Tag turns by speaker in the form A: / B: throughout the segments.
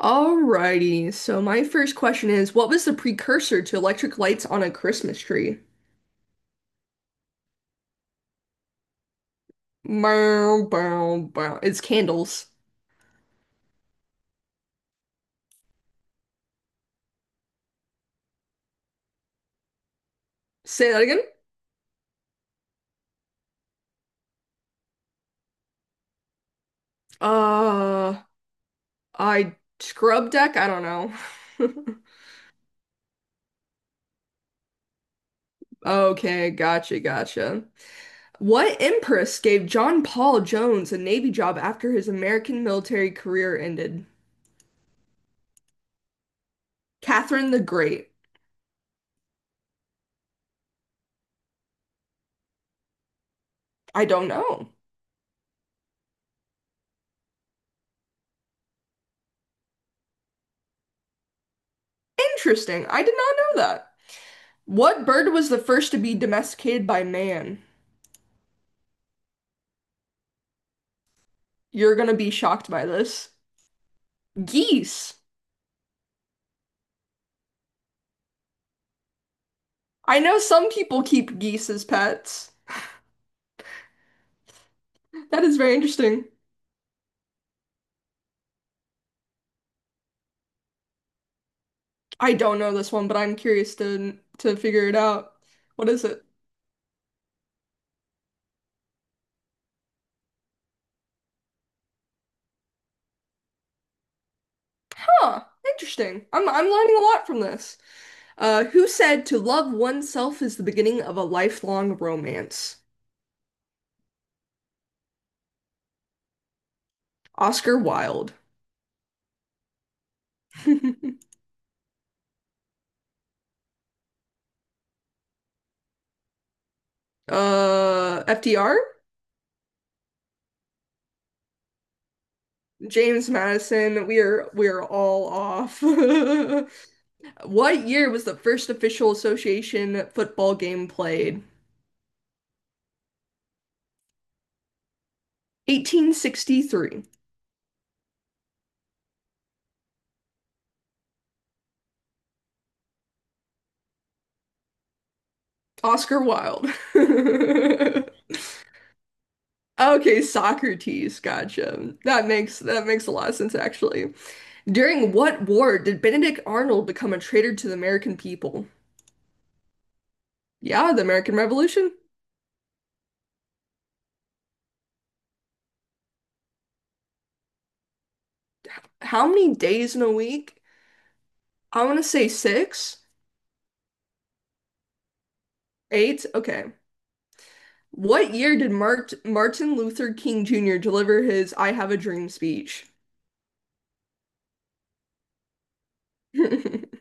A: Alrighty, so my first question is, what was the precursor to electric lights on a Christmas tree? Bow, bow, bow. It's candles. Say that again? Uh, I scrub deck? I don't know. Okay, gotcha, gotcha. What empress gave John Paul Jones a Navy job after his American military career ended? Catherine the Great. I don't know. Interesting. I did not know that. What bird was the first to be domesticated by man? You're gonna be shocked by this. Geese. I know some people keep geese as pets. That is very interesting. I don't know this one, but I'm curious to figure it out. What is it? Huh, interesting. I'm learning a lot from this. Who said to love oneself is the beginning of a lifelong romance? Oscar Wilde. FDR? James Madison. We are all off. What year was the first official association football game played? 1863. Oscar Wilde. Okay, Socrates, gotcha. That makes a lot of sense actually. During what war did Benedict Arnold become a traitor to the American people? Yeah, the American Revolution. How many days in a week? I want to say six, eight. Okay. What year did Martin Luther King Jr. deliver his I Have a Dream speech?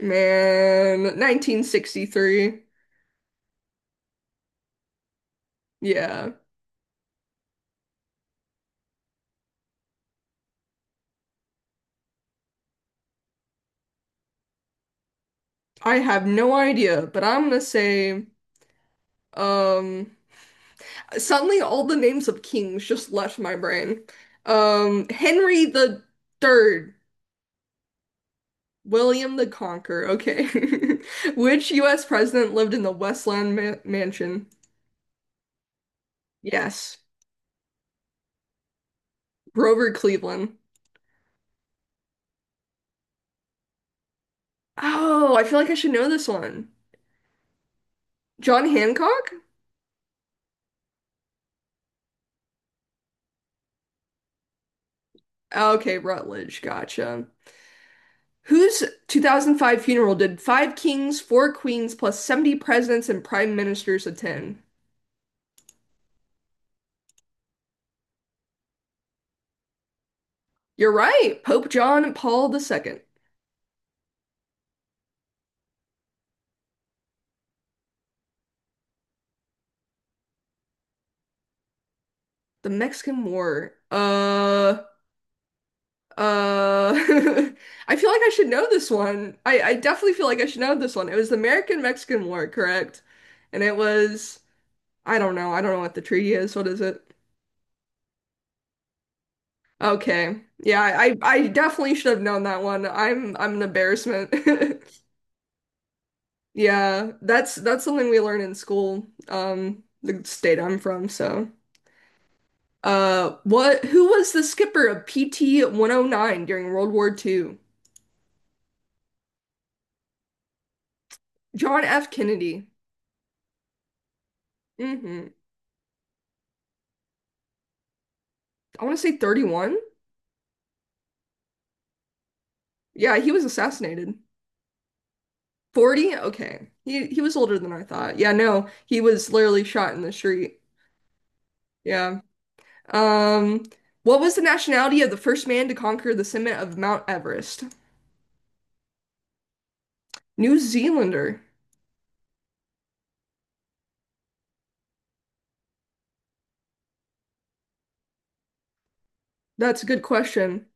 A: Man, 1963. Yeah. I have no idea, but I'm gonna say, um, suddenly all the names of kings just left my brain. Henry the Third, William the Conqueror. Okay. Which US president lived in the Westland ma Mansion? Yes. Grover Cleveland. Oh, I feel like I should know this one. John Hancock? Okay, Rutledge. Gotcha. Whose 2005 funeral did five kings, four queens, plus 70 presidents and prime ministers attend? You're right, Pope John Paul II. The Mexican War. Uh, I feel like I should know this one. I definitely feel like I should know this one. It was the American-Mexican War, correct? And it was, I don't know what the treaty is. What is it? Okay. Yeah, I definitely should have known that one. I'm an embarrassment. Yeah, that's something we learn in school, the state I'm from, so. What Who was the skipper of PT 109 during World War II? John F. Kennedy. hmm I want to say 31. Yeah, he was assassinated. 40? Okay. He was older than I thought. Yeah, no, he was literally shot in the street. Yeah. Um, what was the nationality of the first man to conquer the summit of Mount Everest? New Zealander. That's a good question.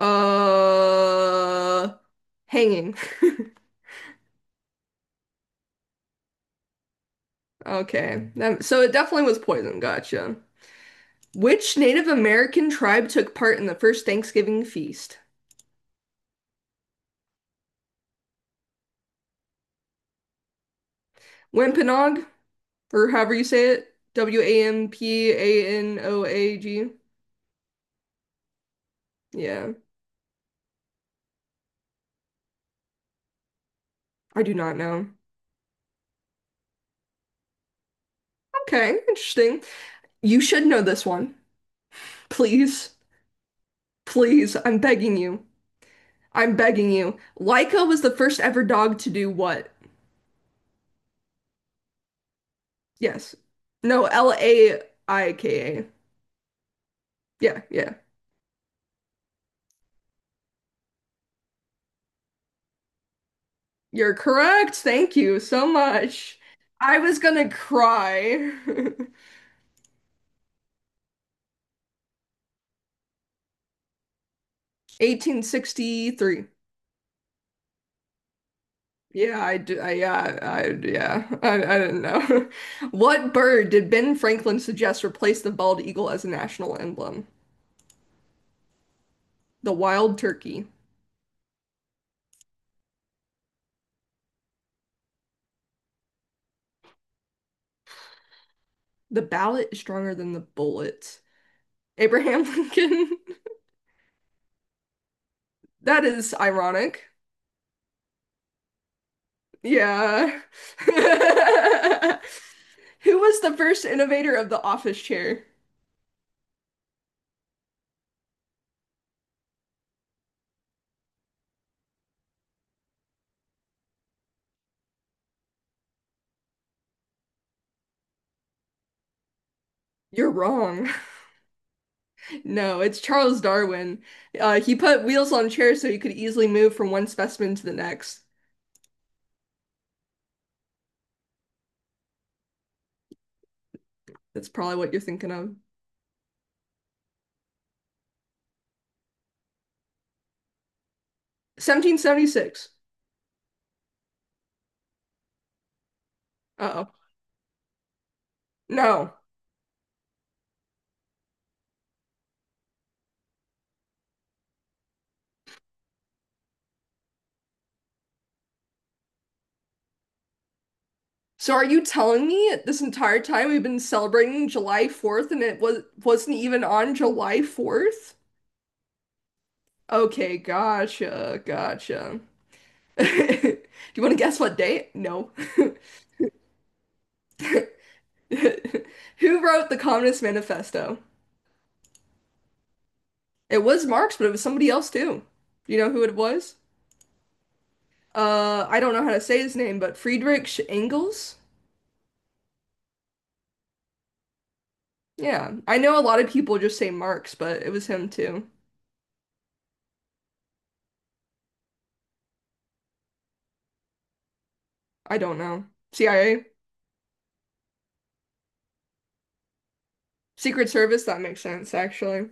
A: Uh, Hanging. Okay. That, so it definitely was poison. Gotcha. Which Native American tribe took part in the first Thanksgiving feast? Wampanoag, or however you say it. Wampanoag. Yeah, I do not know. Okay, interesting. You should know this one. Please, please, I'm begging you. I'm begging you. Laika was the first ever dog to do what? Yes. No, Laika. Yeah, yeah. You're correct. Thank you so much. I was gonna cry. 1863. Yeah, I do. I, yeah, I, yeah. I don't know. What bird did Ben Franklin suggest replace the bald eagle as a national emblem? The wild turkey. The ballot is stronger than the bullet. Abraham Lincoln. That is ironic. Yeah. Who was the first innovator of the office chair? You're wrong. No, it's Charles Darwin. He put wheels on chairs so he could easily move from one specimen to the next. That's probably what you're thinking of. 1776. Uh-oh. No. So are you telling me this entire time we've been celebrating July 4th and it wasn't even on July 4th? Okay, gotcha, gotcha. Do you want to guess what date? No. Who wrote the Communist Manifesto? It was Marx, but it was somebody else too. Do you know who it was? I don't know how to say his name, but Friedrich Engels? Yeah. I know a lot of people just say Marx, but it was him too. I don't know. CIA? Secret Service? That makes sense, actually.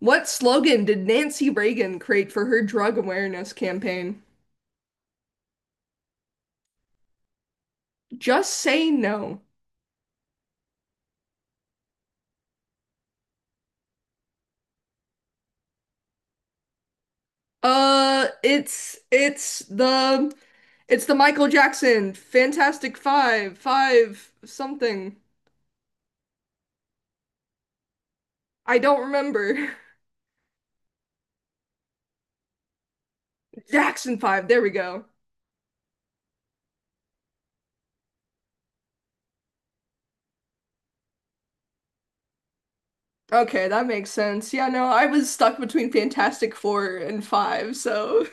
A: What slogan did Nancy Reagan create for her drug awareness campaign? Just say no. Uh, it's it's the it's the Michael Jackson Fantastic Five, five something. I don't remember. Jackson Five, there we go. Okay, that makes sense. Yeah, no, I was stuck between Fantastic Four and Five, so